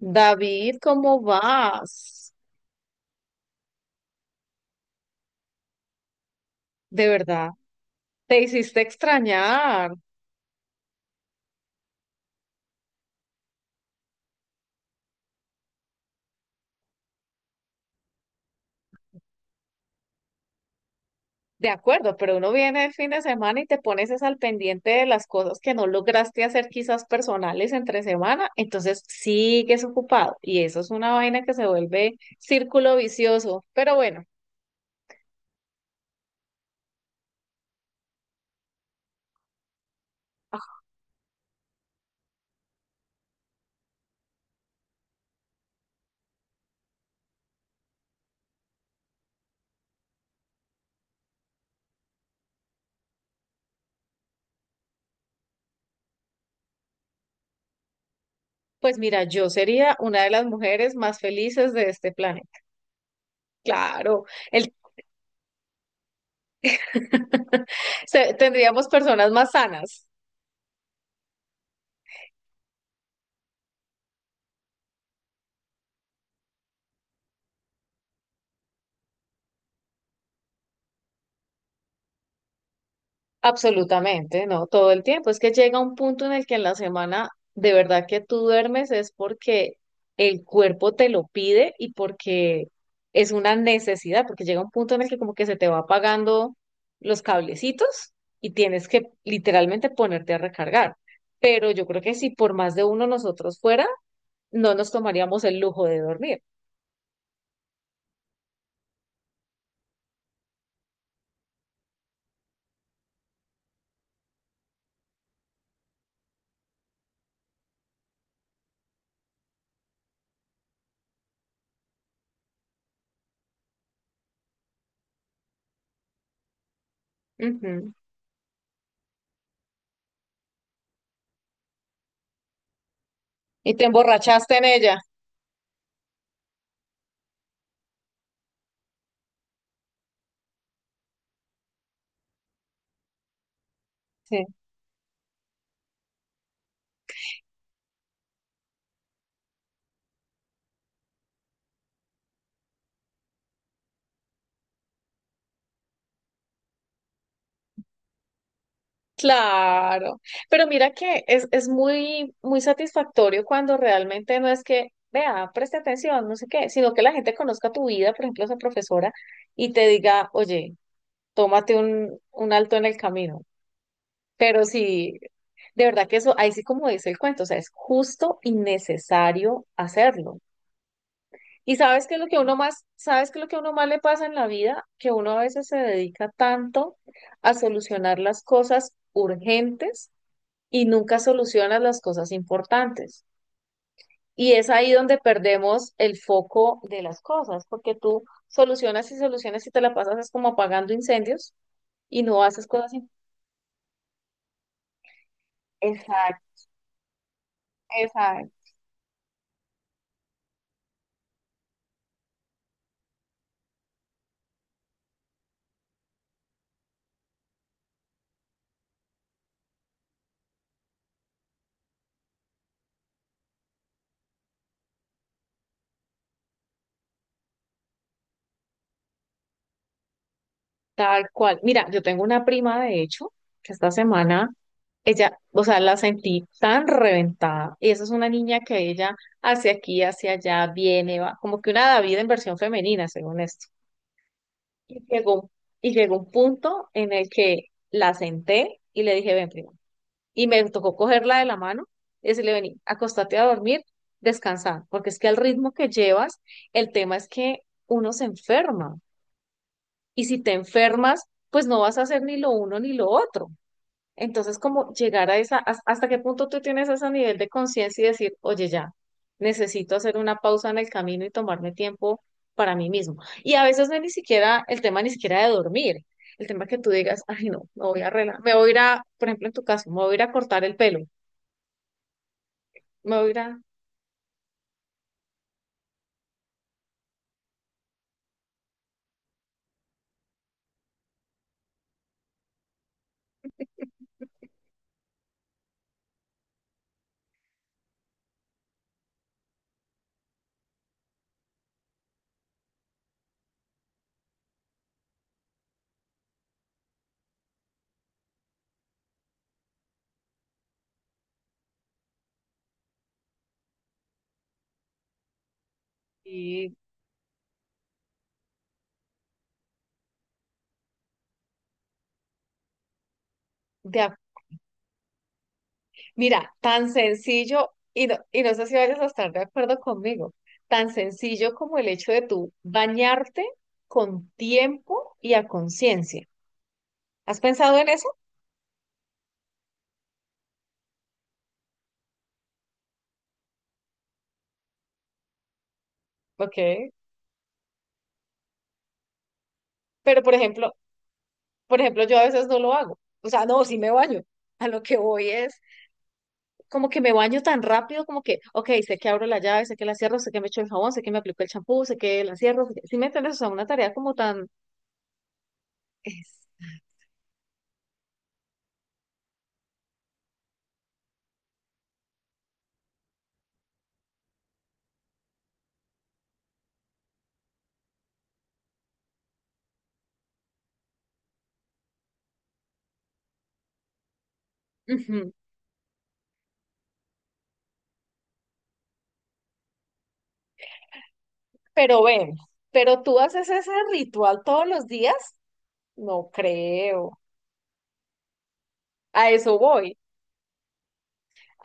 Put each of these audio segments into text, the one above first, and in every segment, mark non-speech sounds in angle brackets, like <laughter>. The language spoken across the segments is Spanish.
David, ¿cómo vas? De verdad, te hiciste extrañar. De acuerdo, pero uno viene el fin de semana y te pones es al pendiente de las cosas que no lograste hacer quizás personales entre semana, entonces sigues ocupado y eso es una vaina que se vuelve círculo vicioso. Pero bueno, pues mira, yo sería una de las mujeres más felices de este planeta. Claro, el... <laughs> tendríamos personas más sanas. Absolutamente, no, todo el tiempo. Es que llega un punto en el que en la semana de verdad que tú duermes es porque el cuerpo te lo pide y porque es una necesidad, porque llega un punto en el que como que se te va apagando los cablecitos y tienes que literalmente ponerte a recargar. Pero yo creo que si por más de uno nosotros fuera, no nos tomaríamos el lujo de dormir. Ujú. Y te emborrachaste en ella. Sí. Claro, pero mira que es muy, muy satisfactorio cuando realmente no es que, vea, preste atención, no sé qué, sino que la gente conozca tu vida, por ejemplo, esa profesora, y te diga, oye, tómate un alto en el camino. Pero sí, de verdad que eso, ahí sí como dice el cuento, o sea, es justo y necesario hacerlo. Y sabes qué lo que uno más, sabes qué lo que uno más le pasa en la vida, que uno a veces se dedica tanto a solucionar las cosas urgentes y nunca solucionas las cosas importantes. Y es ahí donde perdemos el foco de las cosas, porque tú solucionas y solucionas y te la pasas es como apagando incendios y no haces cosas importantes. Exacto, exacto. Tal cual. Mira, yo tengo una prima, de hecho, que esta semana, ella, o sea, la sentí tan reventada. Y esa es una niña que ella hacia aquí, hacia allá, viene, va, como que una David en versión femenina, según esto. Y llegó, y llegó un punto en el que la senté y le dije, ven, prima. Y me tocó cogerla de la mano y decirle, vení, acostate a dormir, descansa, porque es que al ritmo que llevas, el tema es que uno se enferma. Y si te enfermas, pues no vas a hacer ni lo uno ni lo otro. Entonces, como llegar a esa, hasta qué punto tú tienes ese nivel de conciencia y decir, oye, ya, necesito hacer una pausa en el camino y tomarme tiempo para mí mismo. Y a veces no es ni siquiera el tema ni siquiera de dormir, el tema que tú digas, ay, no, me voy a arreglar, me voy a ir a, por ejemplo, en tu caso, me voy a ir a cortar el pelo, me voy a ir a. Y de ac- Mira, tan sencillo, y no sé si vayas a estar de acuerdo conmigo, tan sencillo como el hecho de tú bañarte con tiempo y a conciencia. ¿Has pensado en eso? Ok. Pero por ejemplo, yo a veces no lo hago. O sea, no, sí me baño. A lo que voy es como que me baño tan rápido, como que, ok, sé que abro la llave, sé que la cierro, sé que me echo el jabón, sé que me aplico el champú, sé que la cierro. ¿Sí me entiendes? O sea, una tarea como tan. es- Ujú. Pero ven, pero tú haces ese ritual todos los días, no creo. A eso voy.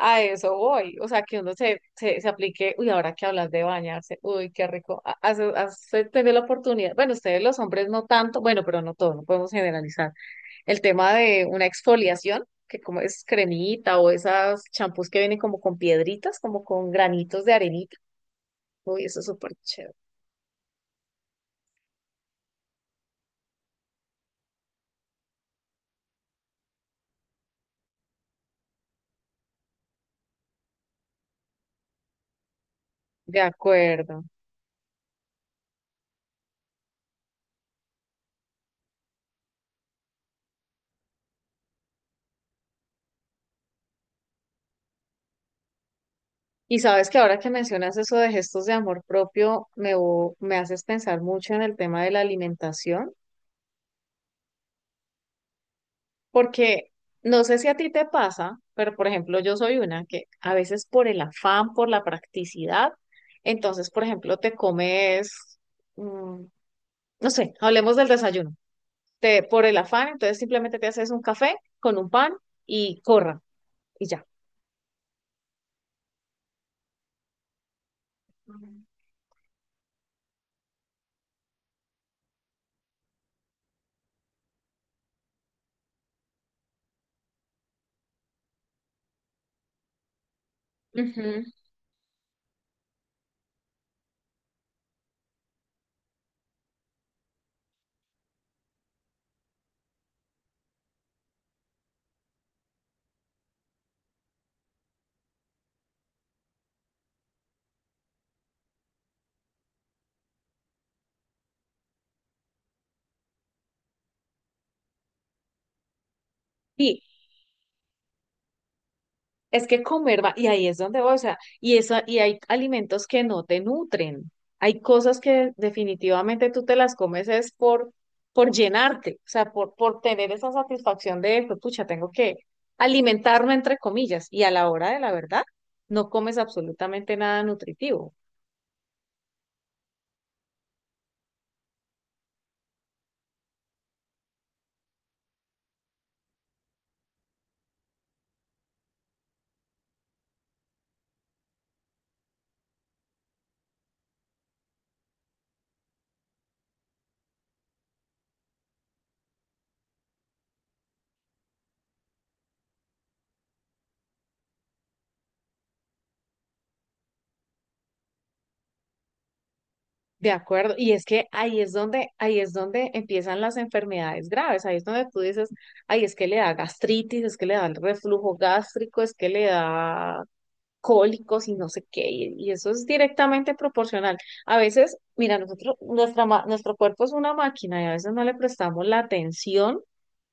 A eso voy, o sea, que uno se aplique, uy, ahora que hablas de bañarse, uy, qué rico, hace tener la oportunidad, bueno, ustedes los hombres no tanto, bueno, pero no todos, no podemos generalizar, el tema de una exfoliación, que como es cremita o esas champús que vienen como con piedritas, como con granitos de arenita, uy, eso es súper chévere, de acuerdo. Y sabes que ahora que mencionas eso de gestos de amor propio, me haces pensar mucho en el tema de la alimentación. Porque no sé si a ti te pasa, pero por ejemplo, yo soy una que a veces por el afán, por la practicidad, entonces, por ejemplo, te comes, mm, no sé, hablemos del desayuno. Te, por el afán, entonces simplemente te haces un café con un pan y corra y ya. Ujú. Sí, es que comer va, y ahí es donde voy, o sea, y esa, y hay alimentos que no te nutren. Hay cosas que definitivamente tú te las comes es por, llenarte, o sea, por tener esa satisfacción de, pues, pucha, tengo que alimentarme entre comillas, y a la hora de la verdad, no comes absolutamente nada nutritivo. De acuerdo, y es que ahí es donde empiezan las enfermedades graves, ahí es donde tú dices, ay, es que le da gastritis, es que le da el reflujo gástrico, es que le da cólicos y no sé qué, y, eso es directamente proporcional. A veces, mira, nosotros, nuestro cuerpo es una máquina y a veces no le prestamos la atención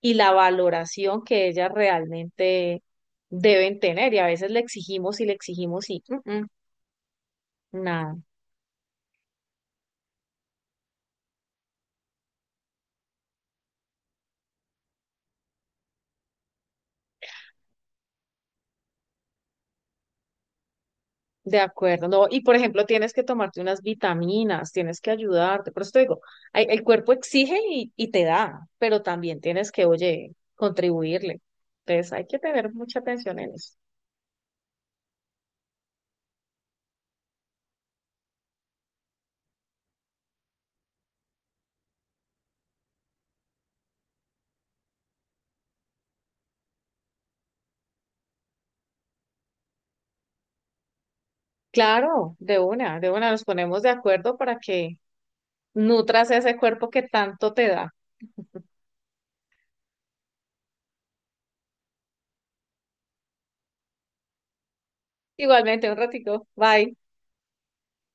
y la valoración que ellas realmente deben tener, y a veces le exigimos y nada. De acuerdo, no, y por ejemplo, tienes que tomarte unas vitaminas, tienes que ayudarte, por eso te digo, el cuerpo exige y, te da, pero también tienes que, oye, contribuirle. Entonces hay que tener mucha atención en eso. Claro, de una nos ponemos de acuerdo para que nutras ese cuerpo que tanto te da. Igualmente, un ratico. Bye.